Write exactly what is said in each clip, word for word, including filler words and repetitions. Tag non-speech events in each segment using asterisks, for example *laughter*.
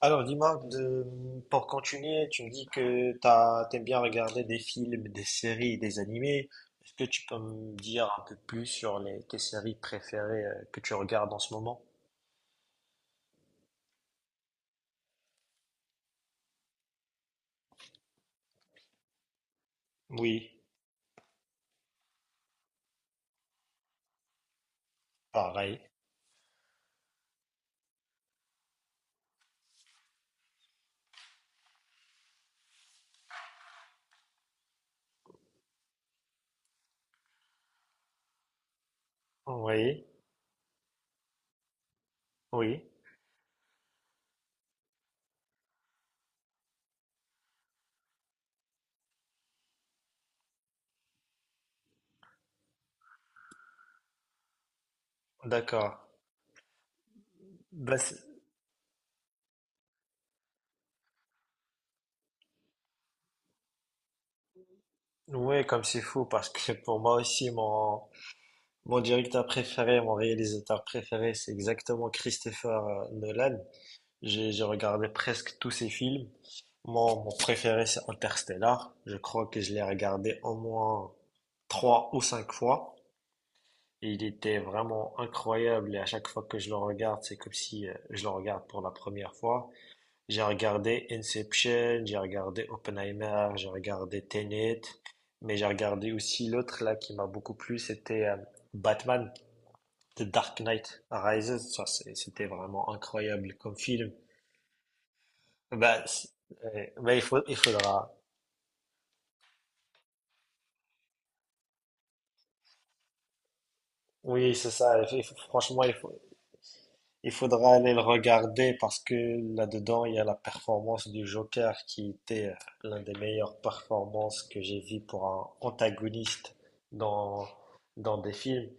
Alors, dis-moi, de- pour continuer, tu me dis que t'as, t'aimes bien regarder des films, des séries, des animés. Est-ce que tu peux me dire un peu plus sur les, tes séries préférées euh, que tu regardes en ce moment? Oui, pareil. Oui, oui, d'accord. Bah, c'est- ouais, comme c'est fou, parce que *laughs* pour moi aussi, mon, mon directeur préféré, mon réalisateur préféré, c'est exactement Christopher euh, Nolan. J'ai j'ai regardé presque tous ces films. Mon, mon préféré, c'est Interstellar. Je crois que je l'ai regardé au moins trois ou cinq fois. Et il était vraiment incroyable. Et à chaque fois que je le regarde, c'est comme si euh, je le regarde pour la première fois. J'ai regardé Inception, j'ai regardé Oppenheimer, j'ai regardé Tenet. Mais j'ai regardé aussi l'autre là qui m'a beaucoup plu, c'était euh, Batman, The Dark Knight Rises. Ça, c'est- c'était vraiment incroyable comme film. Bah, si- ouais. Bah, il faut, il faudra. Oui, c'est ça. Il faut- franchement, il faut, il faudra aller le regarder parce que là-dedans, il y a la performance du Joker qui était euh, l'un des meilleures performances que j'ai vues pour un antagoniste dans, dans des films.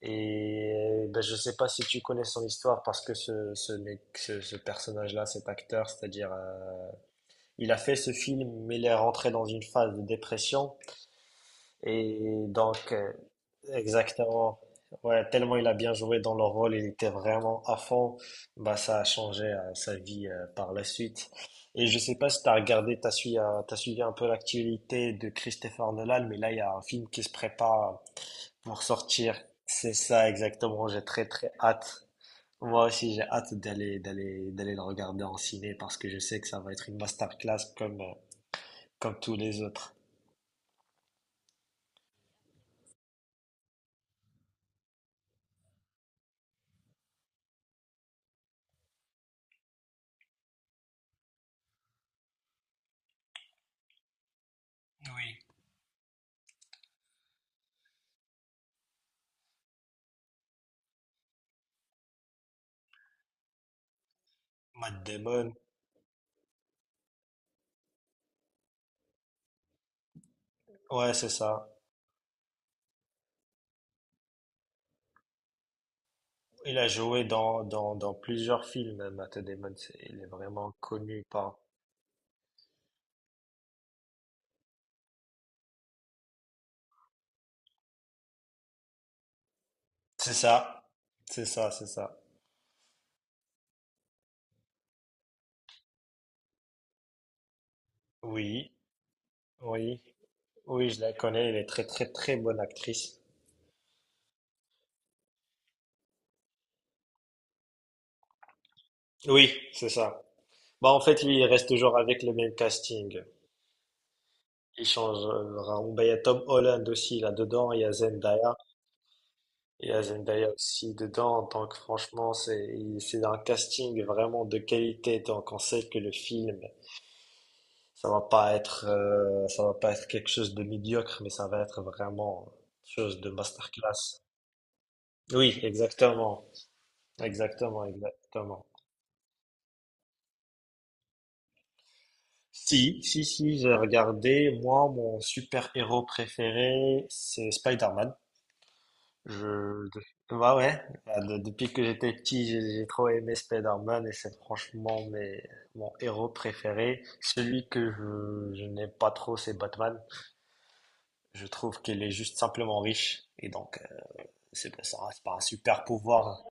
Et ben, je sais pas si tu connais son histoire parce que ce, ce, mec- ce, ce personnage-là, cet acteur, c'est-à-dire, euh, il a fait ce film, mais il est rentré dans une phase de dépression. Et donc, euh, exactement. Ouais, tellement il a bien joué dans le rôle, il était vraiment à fond. Bah, ça a changé euh, sa vie euh, par la suite. Et je sais pas si t'as regardé, t'as suivi, euh, t'as suivi un peu l'actualité de Christopher Nolan, mais là, il y a un film qui se prépare pour sortir. C'est ça, exactement. J'ai très, très hâte. Moi aussi, j'ai hâte d'aller, d'aller, d'aller le regarder en ciné parce que je sais que ça va être une masterclass comme, euh, comme tous les autres. Matt Damon. Ouais, c'est ça. Il a joué dans, dans, dans plusieurs films, Matt Damon. c'est- Il est vraiment connu par. C'est ça, c'est ça, c'est ça. Oui, oui, oui, je la connais. Elle est très, très, très bonne actrice. Oui, c'est ça. Bah, en fait, lui, il reste toujours avec le même casting. Il change. euh, vraiment. Bah, il y a Tom Holland aussi là-dedans. Il y a Zendaya. Il y a Zendaya aussi dedans. Donc, franchement, c'est, il- c'est un casting vraiment de qualité. Donc, on sait que le film ça va pas être, euh, ça va pas être quelque chose de médiocre, mais ça va être vraiment quelque chose de masterclass. Oui, exactement, exactement, exactement. Si, si, si, j'ai regardé. Moi, mon super-héros préféré, c'est Spider-Man. Je, bah ouais, bah, de- depuis que j'étais petit, j'ai j'ai trop aimé Spider-Man et c'est franchement mes, mon héros préféré. Celui que je, je n'aime pas trop, c'est Batman. Je trouve qu'il est juste simplement riche et donc c'est pas ça, c'est pas un super pouvoir.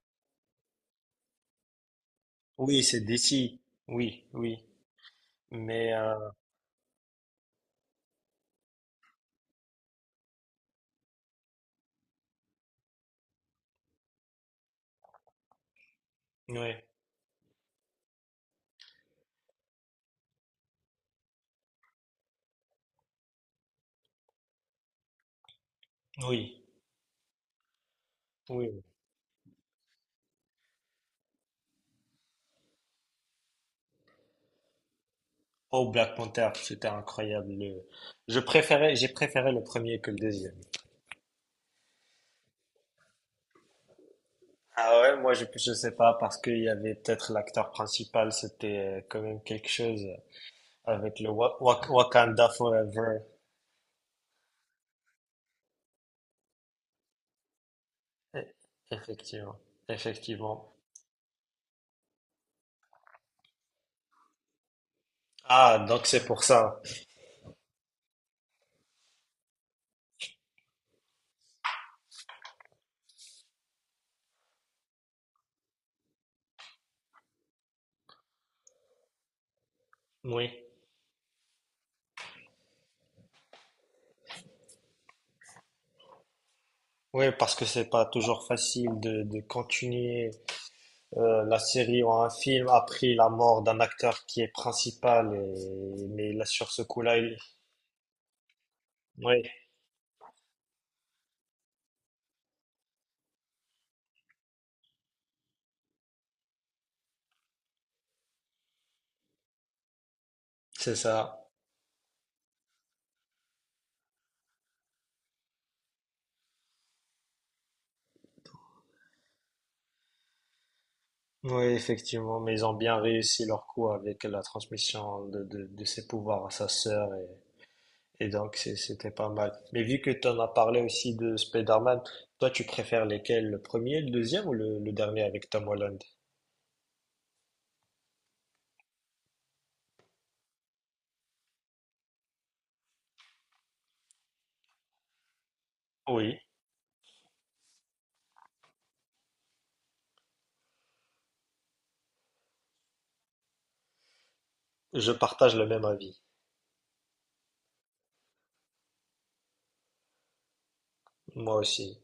Oui, c'est D C. Oui, oui. Mais euh, oui, oui, oui. Oh, Black Panther, c'était incroyable. le- Je préférais, j'ai préféré le premier que le deuxième. Ah ouais, moi je je sais pas parce qu'il y avait peut-être l'acteur principal, c'était euh, quand même quelque chose avec le Wa- Wa- Wakanda Forever. Eh, Effectivement, effectivement. Ah, donc c'est pour ça. Oui. Oui, parce que c'est pas toujours facile de, de continuer euh, la série ou un film a pris la mort d'un acteur qui est principal et mais là sur ce coup-là il... oui c'est ça oui effectivement mais ils ont bien réussi leur coup avec la transmission de, de, de ses pouvoirs à sa sœur et, et donc c'est- c'était pas mal mais vu que tu en as parlé aussi de Spider-Man toi tu préfères lesquels le premier le deuxième ou le, le dernier avec Tom Holland oui je partage le même avis moi aussi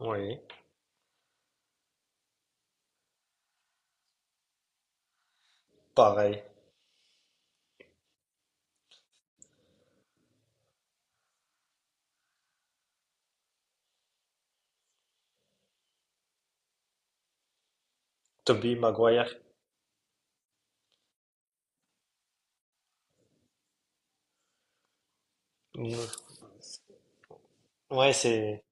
oui pareil Tobey Maguire Mm. ouais c'est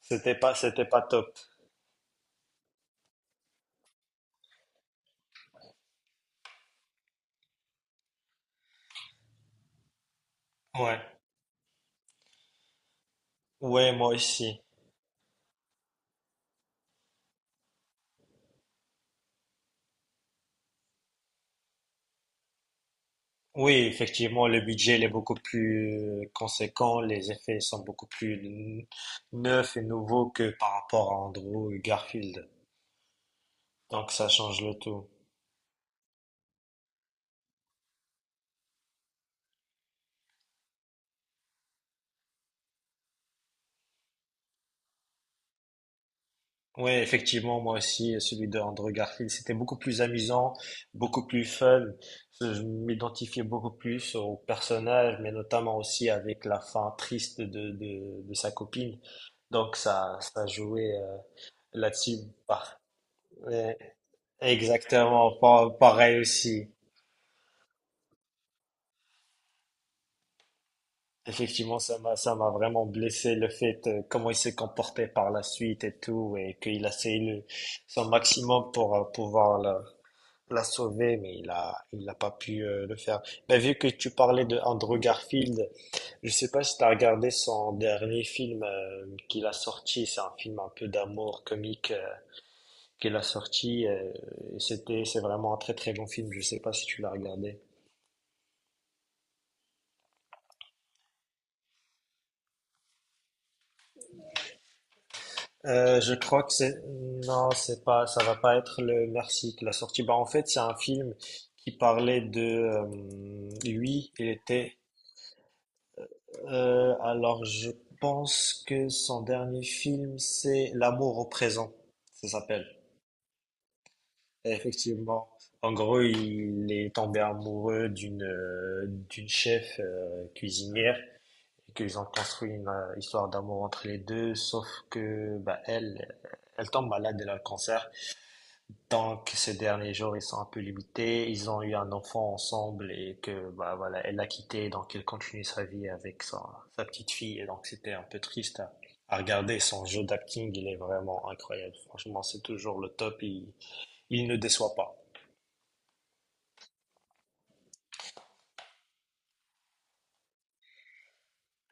c'était pas, c'était pas top. Ouais. Ouais, moi aussi. Oui, effectivement, le budget il est beaucoup plus euh, conséquent, les effets sont beaucoup plus n- neufs et nouveaux que par rapport à Andrew Garfield. Donc ça change le tout. Oui, effectivement, moi aussi, celui de Andrew Garfield, c'était beaucoup plus amusant, beaucoup plus fun. Je m'identifiais beaucoup plus au personnage, mais notamment aussi avec la fin triste de, de, de sa copine. Donc ça, ça jouait euh, là-dessus. Ouais, exactement, Pa- pareil aussi. Effectivement, ça m'a, ça m'a vraiment blessé le fait euh, comment il s'est comporté par la suite et tout, et qu'il a essayé le- son maximum pour euh, pouvoir la, la sauver, mais il a, il n'a pas pu euh, le faire. Mais vu que tu parlais de Andrew Garfield, je sais pas si tu as regardé son dernier film euh, qu'il a sorti. C'est un film un peu d'amour comique euh, qu'il a sorti. euh, et c'était, c'est vraiment un très très bon film. Je sais pas si tu l'as regardé. Euh, je crois que c'est non, c'est pas, ça va pas être le Merci qui l'a sortie. Bah en fait, c'est un film qui parlait de euh, lui. Il était euh, alors je pense que son dernier film c'est L'amour au présent, ça s'appelle. Et Effectivement. En gros, il est tombé amoureux d'une euh, d'une chef euh, cuisinière et qu'ils ont construit une euh, histoire d'amour entre les deux, sauf que bah elle elle tombe malade, elle a le cancer. Donc, ces derniers jours, ils sont un peu limités. Ils ont eu un enfant ensemble et que, bah voilà, elle l'a quitté, donc elle continue sa vie avec sa, sa petite fille. Et donc, c'était un peu triste à, à regarder. Son jeu d'acting, il est vraiment incroyable. Franchement, c'est toujours le top. Il, il ne déçoit pas.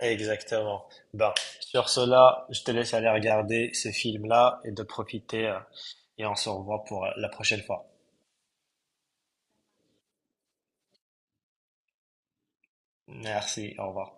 Exactement. Ben, sur cela, je te laisse aller regarder ce film-là et de profiter. euh, Et on se revoit pour euh, la prochaine fois. Merci, au revoir.